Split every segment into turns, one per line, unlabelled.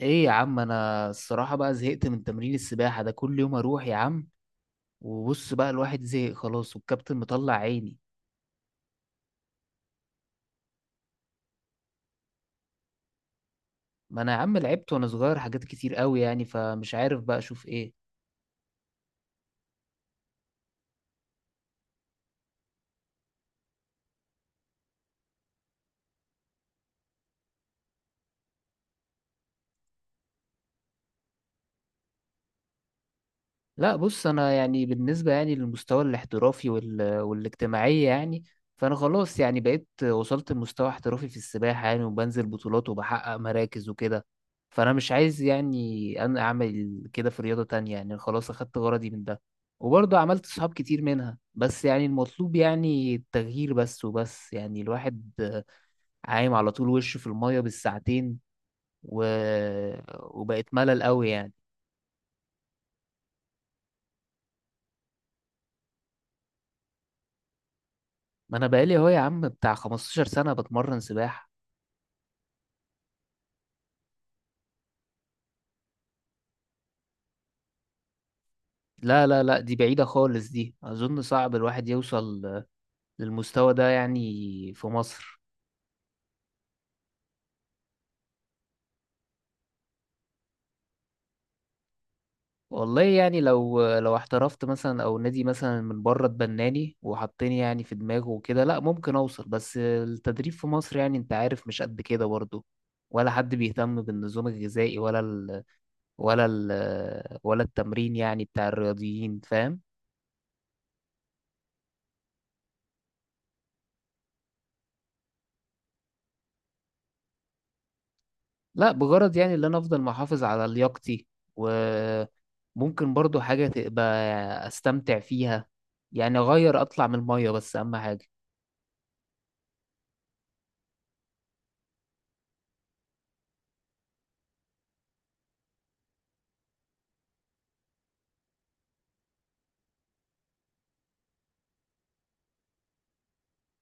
ايه يا عم، انا الصراحة بقى زهقت من تمرين السباحة ده. كل يوم اروح يا عم وبص بقى الواحد زهق خلاص والكابتن مطلع عيني. ما انا يا عم لعبت وانا صغير حاجات كتير قوي يعني، فمش عارف بقى اشوف ايه. لا بص، انا يعني بالنسبه يعني للمستوى الاحترافي والاجتماعيه يعني. فانا خلاص يعني بقيت وصلت لمستوى احترافي في السباحه يعني، وبنزل بطولات وبحقق مراكز وكده. فانا مش عايز يعني انا اعمل كده في رياضه تانية يعني، خلاص اخدت غرضي من ده. وبرضه عملت صحاب كتير منها، بس يعني المطلوب يعني التغيير، بس وبس. يعني الواحد عايم على طول وشه في الميه بالساعتين و... وبقت ملل قوي يعني. ما انا بقالي اهو يا عم بتاع 15 سنة بتمرن سباحة. لا لا لا، دي بعيدة خالص، دي اظن صعب الواحد يوصل للمستوى ده يعني في مصر. والله يعني لو احترفت مثلا او نادي مثلا من بره اتبناني وحطني يعني في دماغه وكده، لا ممكن اوصل، بس التدريب في مصر يعني انت عارف مش قد كده برضه. ولا حد بيهتم بالنظام الغذائي ولا التمرين يعني بتاع الرياضيين فاهم. لا بغرض يعني اللي انا افضل محافظ على لياقتي، وممكن برضو حاجة تبقى استمتع فيها، يعني اغير اطلع من المية بس اهم حاجة.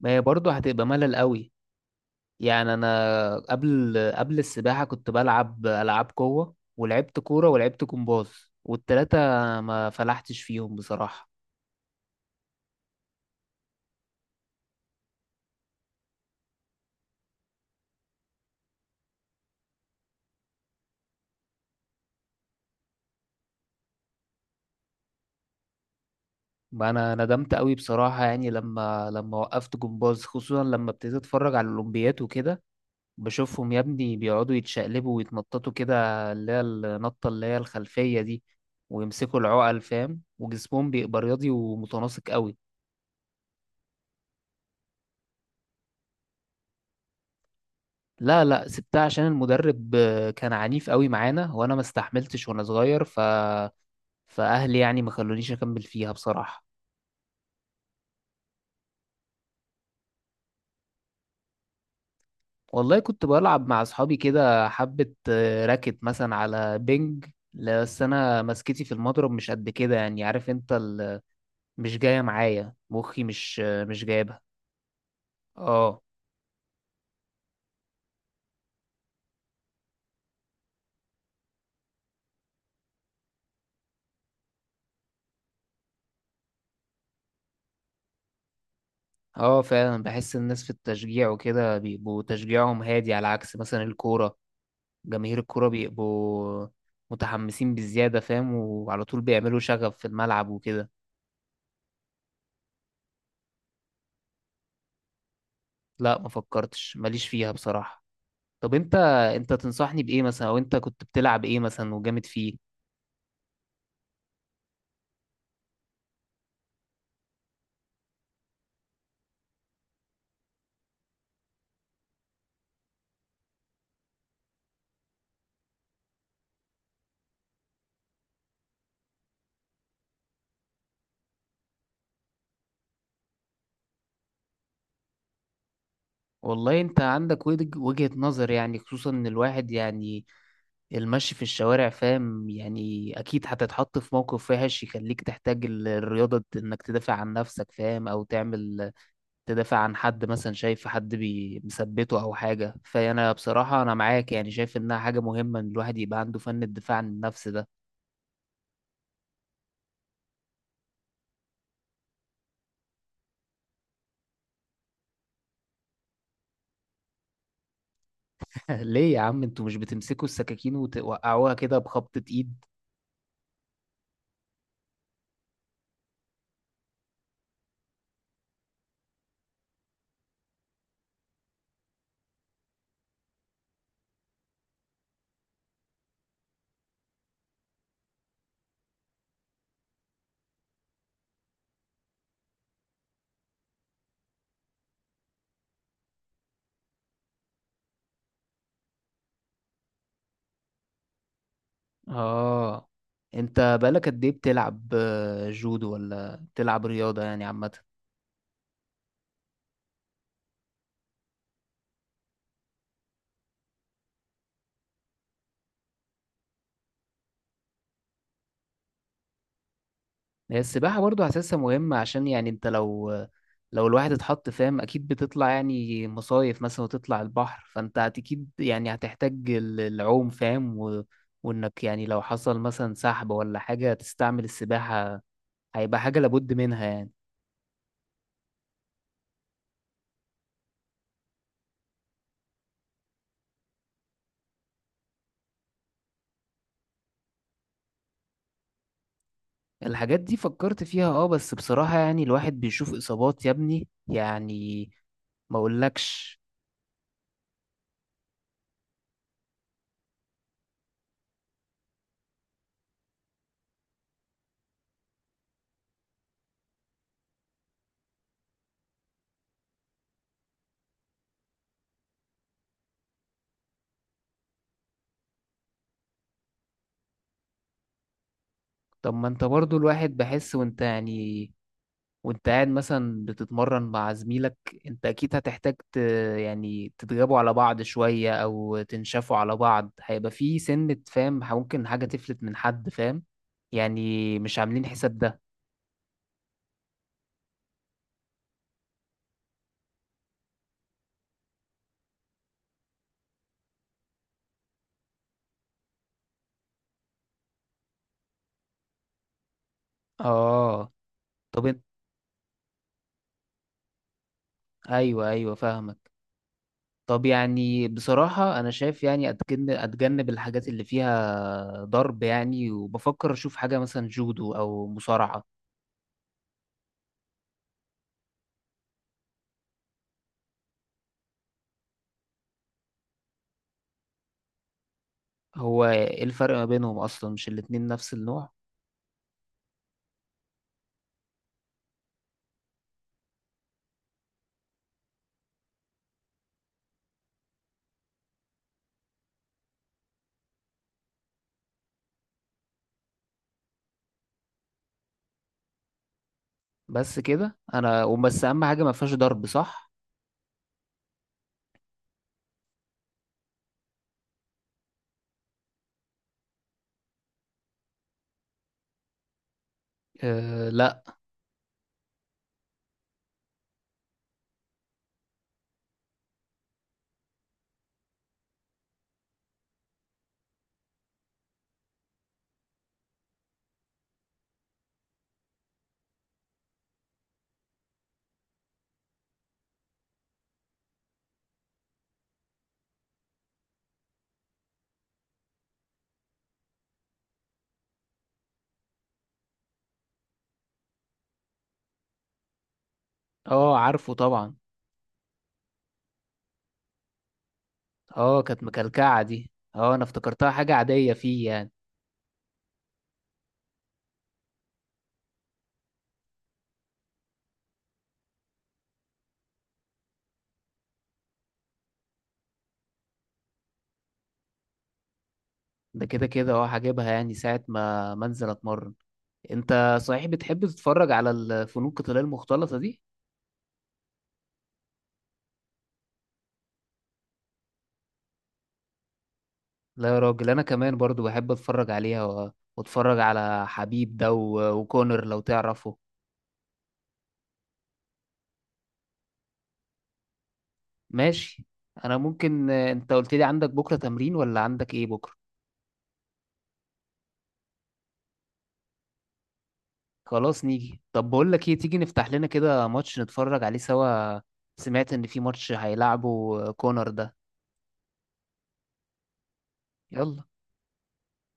ما هي برضو هتبقى ملل قوي يعني. انا قبل السباحة كنت بلعب العاب قوة ولعبت كورة ولعبت جمباز، والتلاتة ما فلحتش فيهم بصراحة. ما انا ندمت قوي بصراحة، يعني لما وقفت جمباز خصوصا لما ابتديت اتفرج على الاولمبيات وكده. بشوفهم يا ابني بيقعدوا يتشقلبوا ويتنططوا كده، اللي هي النطة اللي هي الخلفية دي، ويمسكوا العقل فاهم، وجسمهم بيبقى رياضي ومتناسق قوي. لا لا، سبتها عشان المدرب كان عنيف قوي معانا، وانا ما استحملتش وانا صغير، فاهلي يعني ما خلونيش اكمل فيها بصراحة. والله كنت بلعب مع اصحابي كده حبة راكت مثلا على بينج. لا، بس انا مسكتي في المضرب مش قد كده، يعني عارف انت مش جاية معايا مخي، مش جايبها. اه اه فعلا، بحس الناس في التشجيع وكده بيبقوا تشجيعهم هادي، على عكس مثلا الكورة، جماهير الكورة بيبقوا متحمسين بزيادة فاهم، وعلى طول بيعملوا شغب في الملعب وكده. لا ما فكرتش، ماليش فيها بصراحة. طب انت تنصحني بإيه مثلا، او انت كنت بتلعب إيه مثلا وجامد فيه؟ والله انت عندك وجهة نظر، يعني خصوصا ان الواحد يعني المشي في الشوارع فاهم، يعني اكيد هتتحط في موقف وحش يخليك تحتاج الرياضة انك تدافع عن نفسك فاهم، او تعمل تدافع عن حد مثلا شايف حد مثبته او حاجه، فانا بصراحه انا معاك يعني شايف انها حاجه مهمه ان الواحد يبقى عنده فن الدفاع عن النفس ده. ليه يا عم، انتوا مش بتمسكوا السكاكين وتوقعوها كده بخبطه ايد؟ اه انت بقالك قد ايه بتلعب جودو، ولا بتلعب رياضه يعني عامه؟ هي السباحة برضو حاسسها مهمة، عشان يعني انت لو الواحد اتحط فاهم اكيد بتطلع يعني مصايف مثلا وتطلع البحر، فانت اكيد يعني هتحتاج العوم فاهم وانك يعني لو حصل مثلا سحب ولا حاجة تستعمل السباحة، هيبقى حاجة لابد منها يعني. الحاجات دي فكرت فيها اه، بس بصراحة يعني الواحد بيشوف اصابات يا ابني يعني، ما اقولكش. طب ما انت برضو الواحد بحس وانت يعني وانت قاعد مثلا بتتمرن مع زميلك، انت اكيد هتحتاج يعني تتغابوا على بعض شوية او تنشفوا على بعض، هيبقى في سنة فاهم ممكن حاجة تفلت من حد فاهم، يعني مش عاملين حساب ده. اه. طب انت. ايوه ايوه فاهمك. طب يعني بصراحة انا شايف يعني اتجنب الحاجات اللي فيها ضرب يعني، وبفكر اشوف حاجة مثلا جودو او مصارعة. هو ايه الفرق ما بينهم اصلا، مش الاتنين نفس النوع؟ بس كده انا، وبس اهم حاجه ما فيهاش ضرب صح. آه لا. اه عارفه طبعا. اه كانت مكلكعه دي، اه انا افتكرتها حاجه عاديه فيه يعني. ده كده كده اه، هجيبها يعني ساعه ما منزل اتمرن. انت صحيح بتحب تتفرج على الفنون القتاليه المختلطه دي؟ لا يا راجل، انا كمان برضو بحب اتفرج عليها واتفرج على حبيب ده وكونر لو تعرفه. ماشي. انا ممكن انت قلت لي عندك بكره تمرين ولا عندك ايه بكره؟ خلاص نيجي، طب بقول لك ايه تيجي نفتح لنا كده ماتش نتفرج عليه سوا، سمعت ان في ماتش هيلعبه كونر ده. يلا.